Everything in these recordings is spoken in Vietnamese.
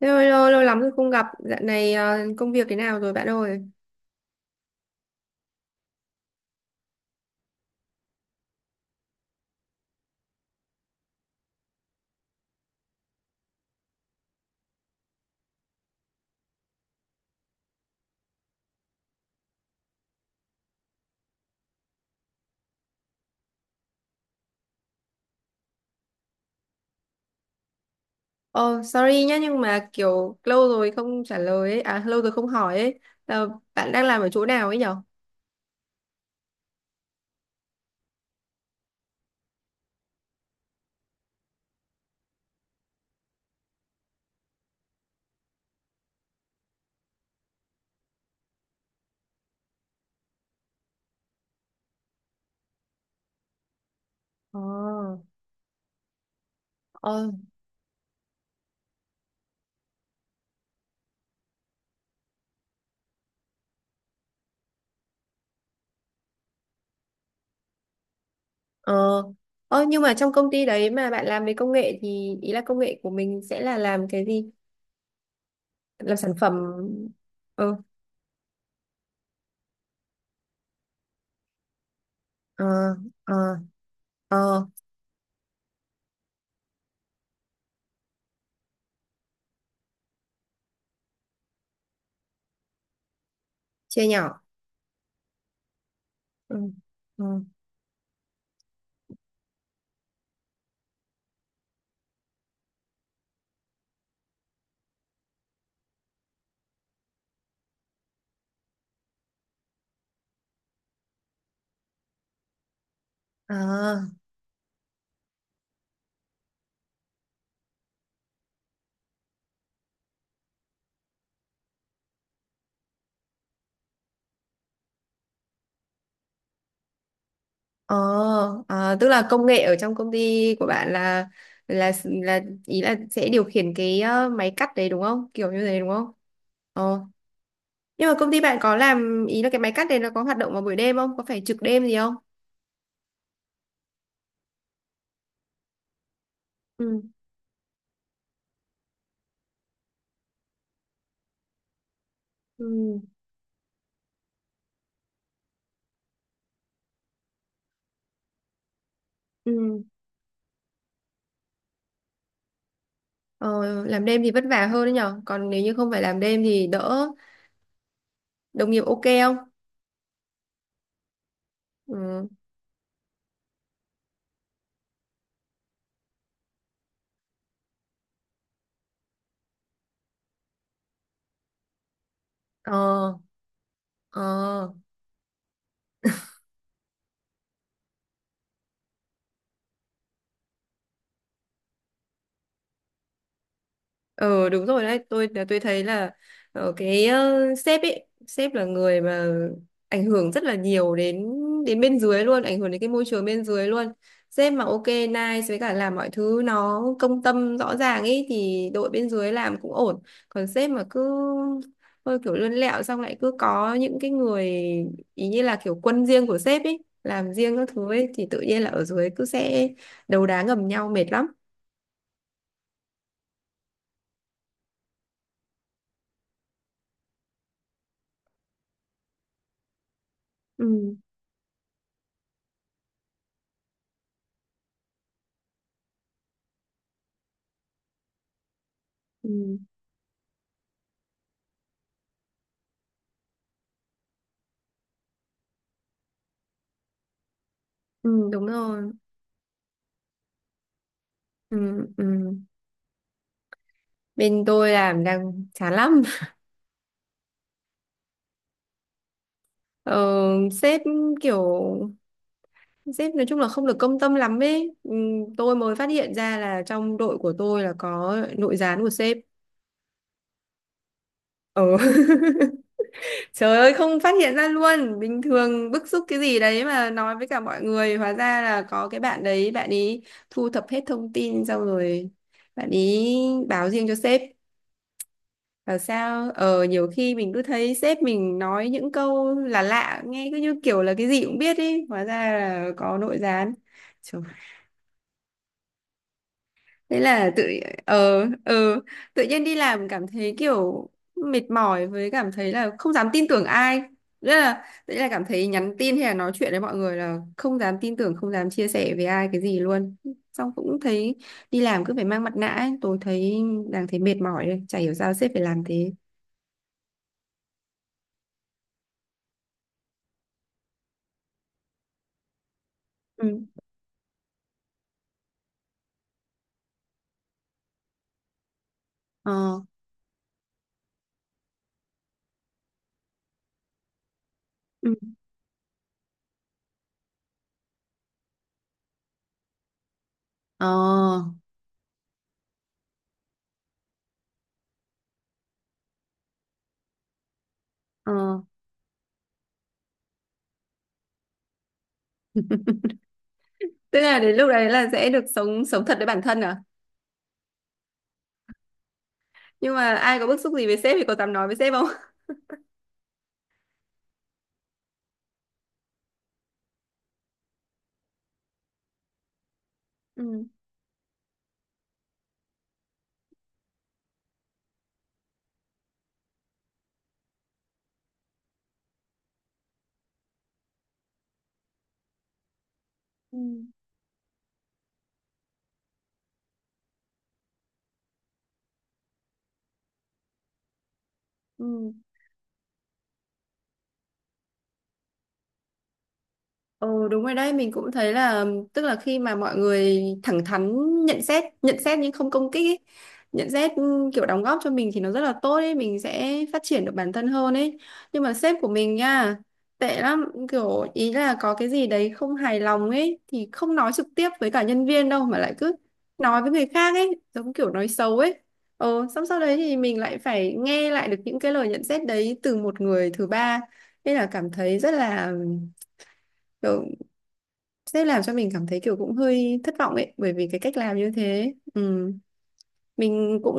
Lâu lắm rồi không gặp, dạo này công việc thế nào rồi bạn ơi? Oh, sorry nhá, nhưng mà kiểu lâu rồi không trả lời ấy, à lâu rồi không hỏi ấy. Ờ, bạn đang làm ở chỗ nào ấy nhở? Ờ. Ờ. Ờ. Ờ. Nhưng mà trong công ty đấy mà bạn làm về công nghệ thì ý là công nghệ của mình sẽ là làm cái gì? Làm sản phẩm. Ừ. Ờ. Ờ. Ờ. Chia nhỏ. Ừ. Ừ. À. Ờ, à, tức là công nghệ ở trong công ty của bạn là ý là sẽ điều khiển cái máy cắt đấy đúng không? Kiểu như thế đúng không? Ờ. Nhưng mà công ty bạn có làm ý là cái máy cắt đấy nó có hoạt động vào buổi đêm không? Có phải trực đêm gì không? Ừ. Ừ. Ừ. Ờ, làm đêm thì vất vả hơn đấy nhở. Còn nếu như không phải làm đêm thì đỡ. Đồng nghiệp ok không? Ừ. Ờ. Ờ. Ờ đúng rồi đấy, tôi thấy là cái sếp ấy, sếp là người mà ảnh hưởng rất là nhiều đến đến bên dưới luôn, ảnh hưởng đến cái môi trường bên dưới luôn. Sếp mà ok nice với cả làm mọi thứ nó công tâm rõ ràng ấy thì đội bên dưới làm cũng ổn. Còn sếp mà cứ hơi kiểu lươn lẹo, xong lại cứ có những cái người ý như là kiểu quân riêng của sếp ấy, làm riêng các thứ ấy thì tự nhiên là ở dưới cứ sẽ đấu đá ngầm nhau mệt lắm. Ừ. Ừ. Ừ. Đúng rồi. Ừ. Ừ. Bên tôi làm đang chán lắm. ờ, sếp kiểu sếp nói chung là không được công tâm lắm ấy. Ừ, tôi mới phát hiện ra là trong đội của tôi là có nội gián của sếp. ờ Trời ơi, không phát hiện ra luôn, bình thường bức xúc cái gì đấy mà nói với cả mọi người, hóa ra là có cái bạn đấy, bạn ấy thu thập hết thông tin xong rồi bạn ấy báo riêng cho sếp. Bảo sao nhiều khi mình cứ thấy sếp mình nói những câu là lạ, nghe cứ như kiểu là cái gì cũng biết ý, hóa ra là có nội gián. Trời, thế là tự ờ ờ tự nhiên đi làm cảm thấy kiểu mệt mỏi, với cảm thấy là không dám tin tưởng ai, rất là, đấy là cảm thấy nhắn tin hay là nói chuyện với mọi người là không dám tin tưởng, không dám chia sẻ với ai cái gì luôn. Xong cũng thấy đi làm cứ phải mang mặt nạ ấy. Tôi thấy đang thấy mệt mỏi đây, chả hiểu sao sếp phải làm thế. Ừ. Ờ. Ừ. Ờ. Ờ. Tức là đến lúc đấy là sẽ được sống sống thật với bản thân à? Nhưng mà ai có bức xúc gì với sếp thì có dám nói với sếp không? Ừ. Ừ. Ừ. Ừ, đúng rồi đấy, mình cũng thấy là tức là khi mà mọi người thẳng thắn nhận xét, nhận xét nhưng không công kích ấy. Nhận xét kiểu đóng góp cho mình thì nó rất là tốt ấy, mình sẽ phát triển được bản thân hơn ấy. Nhưng mà sếp của mình nha, tệ lắm, kiểu ý là có cái gì đấy không hài lòng ấy thì không nói trực tiếp với cả nhân viên đâu, mà lại cứ nói với người khác ấy, giống kiểu nói xấu ấy. Ừ, xong sau đấy thì mình lại phải nghe lại được những cái lời nhận xét đấy từ một người thứ ba, nên là cảm thấy rất là, sẽ làm cho mình cảm thấy kiểu cũng hơi thất vọng ấy bởi vì cái cách làm như thế. Ừ. mình cũng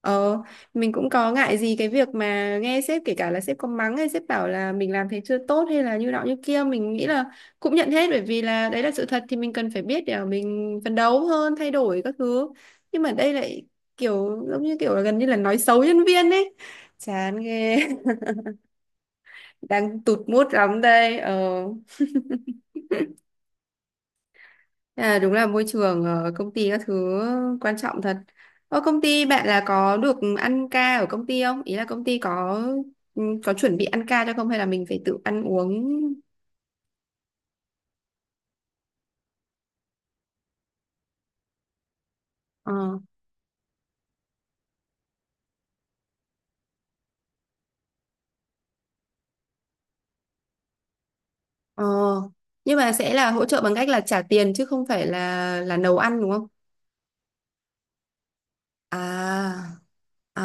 ờ mình cũng có ngại gì cái việc mà nghe sếp, kể cả là sếp có mắng hay sếp bảo là mình làm thế chưa tốt hay là như nọ như kia, mình nghĩ là cũng nhận hết, bởi vì là đấy là sự thật thì mình cần phải biết để mà mình phấn đấu hơn, thay đổi các thứ. Nhưng mà đây lại kiểu giống như kiểu là gần như là nói xấu nhân viên ấy. Chán ghê. Đang tụt mood lắm đây. Ờ À, đúng là môi trường công ty các thứ quan trọng thật. Ở công ty bạn là có được ăn ca ở công ty không? Ý là công ty có chuẩn bị ăn ca cho không hay là mình phải tự ăn uống? Ờ. Ờ. Nhưng mà sẽ là hỗ trợ bằng cách là trả tiền chứ không phải là nấu ăn đúng không? À. À.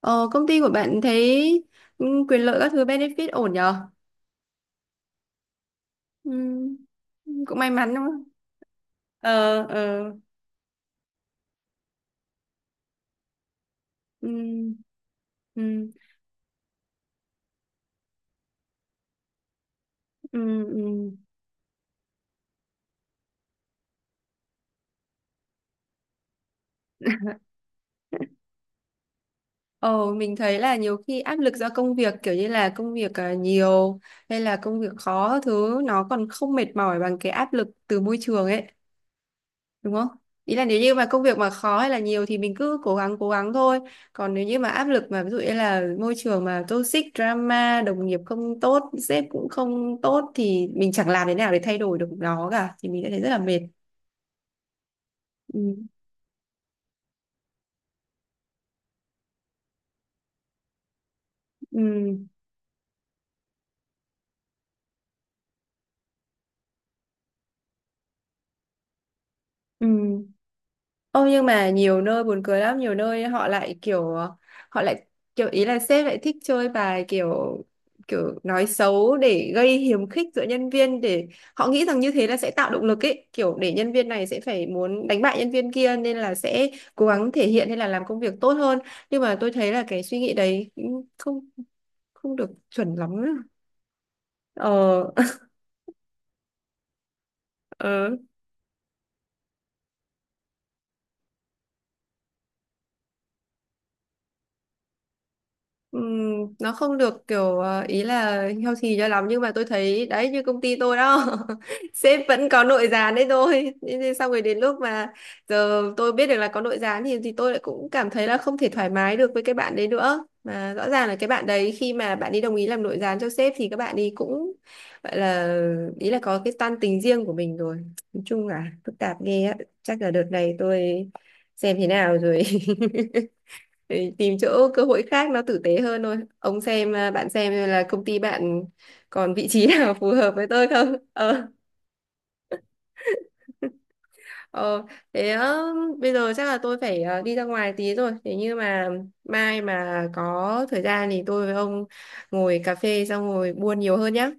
Ờ, công ty của bạn thấy quyền lợi các thứ benefit ổn nhờ? Ừ, cũng may mắn đúng không? Ờ. Ờ. Ừ. Ừ. Ừ. Ừ. Ồ, mình thấy là nhiều khi áp lực do công việc, kiểu như là công việc à, nhiều hay là công việc khó thứ, nó còn không mệt mỏi bằng cái áp lực từ môi trường ấy, đúng không? Ý là nếu như mà công việc mà khó hay là nhiều thì mình cứ cố gắng, cố gắng thôi. Còn nếu như mà áp lực mà ví dụ như là môi trường mà toxic, drama, đồng nghiệp không tốt, sếp cũng không tốt thì mình chẳng làm thế nào để thay đổi được nó cả thì mình sẽ thấy rất là mệt. Ừ. Ừ. Ừ. Ô, nhưng mà nhiều nơi buồn cười lắm, nhiều nơi họ lại kiểu ý là sếp lại thích chơi bài kiểu kiểu nói xấu để gây hiềm khích giữa nhân viên, để họ nghĩ rằng như thế là sẽ tạo động lực ấy, kiểu để nhân viên này sẽ phải muốn đánh bại nhân viên kia nên là sẽ cố gắng thể hiện hay là làm công việc tốt hơn. Nhưng mà tôi thấy là cái suy nghĩ đấy cũng không không được chuẩn lắm. Ờ. Nó không được kiểu ý là healthy cho lắm, nhưng mà tôi thấy đấy như công ty tôi đó. Sếp vẫn có nội gián đấy thôi. Thế nên xong rồi, đến lúc mà giờ tôi biết được là có nội gián thì tôi lại cũng cảm thấy là không thể thoải mái được với cái bạn đấy nữa, mà rõ ràng là cái bạn đấy, khi mà bạn ấy đồng ý làm nội gián cho sếp thì các bạn ấy cũng gọi là, ý là có cái toan tính riêng của mình rồi. Nói chung là phức tạp ghê á. Chắc là đợt này tôi xem thế nào rồi, để tìm chỗ cơ hội khác nó tử tế hơn thôi. Ông xem à, bạn xem là công ty bạn còn vị trí nào phù hợp với tôi không? Ờ ờ Thế bây giờ chắc là tôi phải đi ra ngoài tí rồi, thế nhưng mà mai mà có thời gian thì tôi với ông ngồi cà phê xong ngồi buôn nhiều hơn nhá.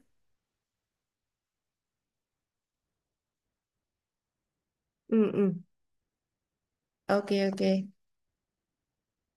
Ừ. Ừ. OK. OK.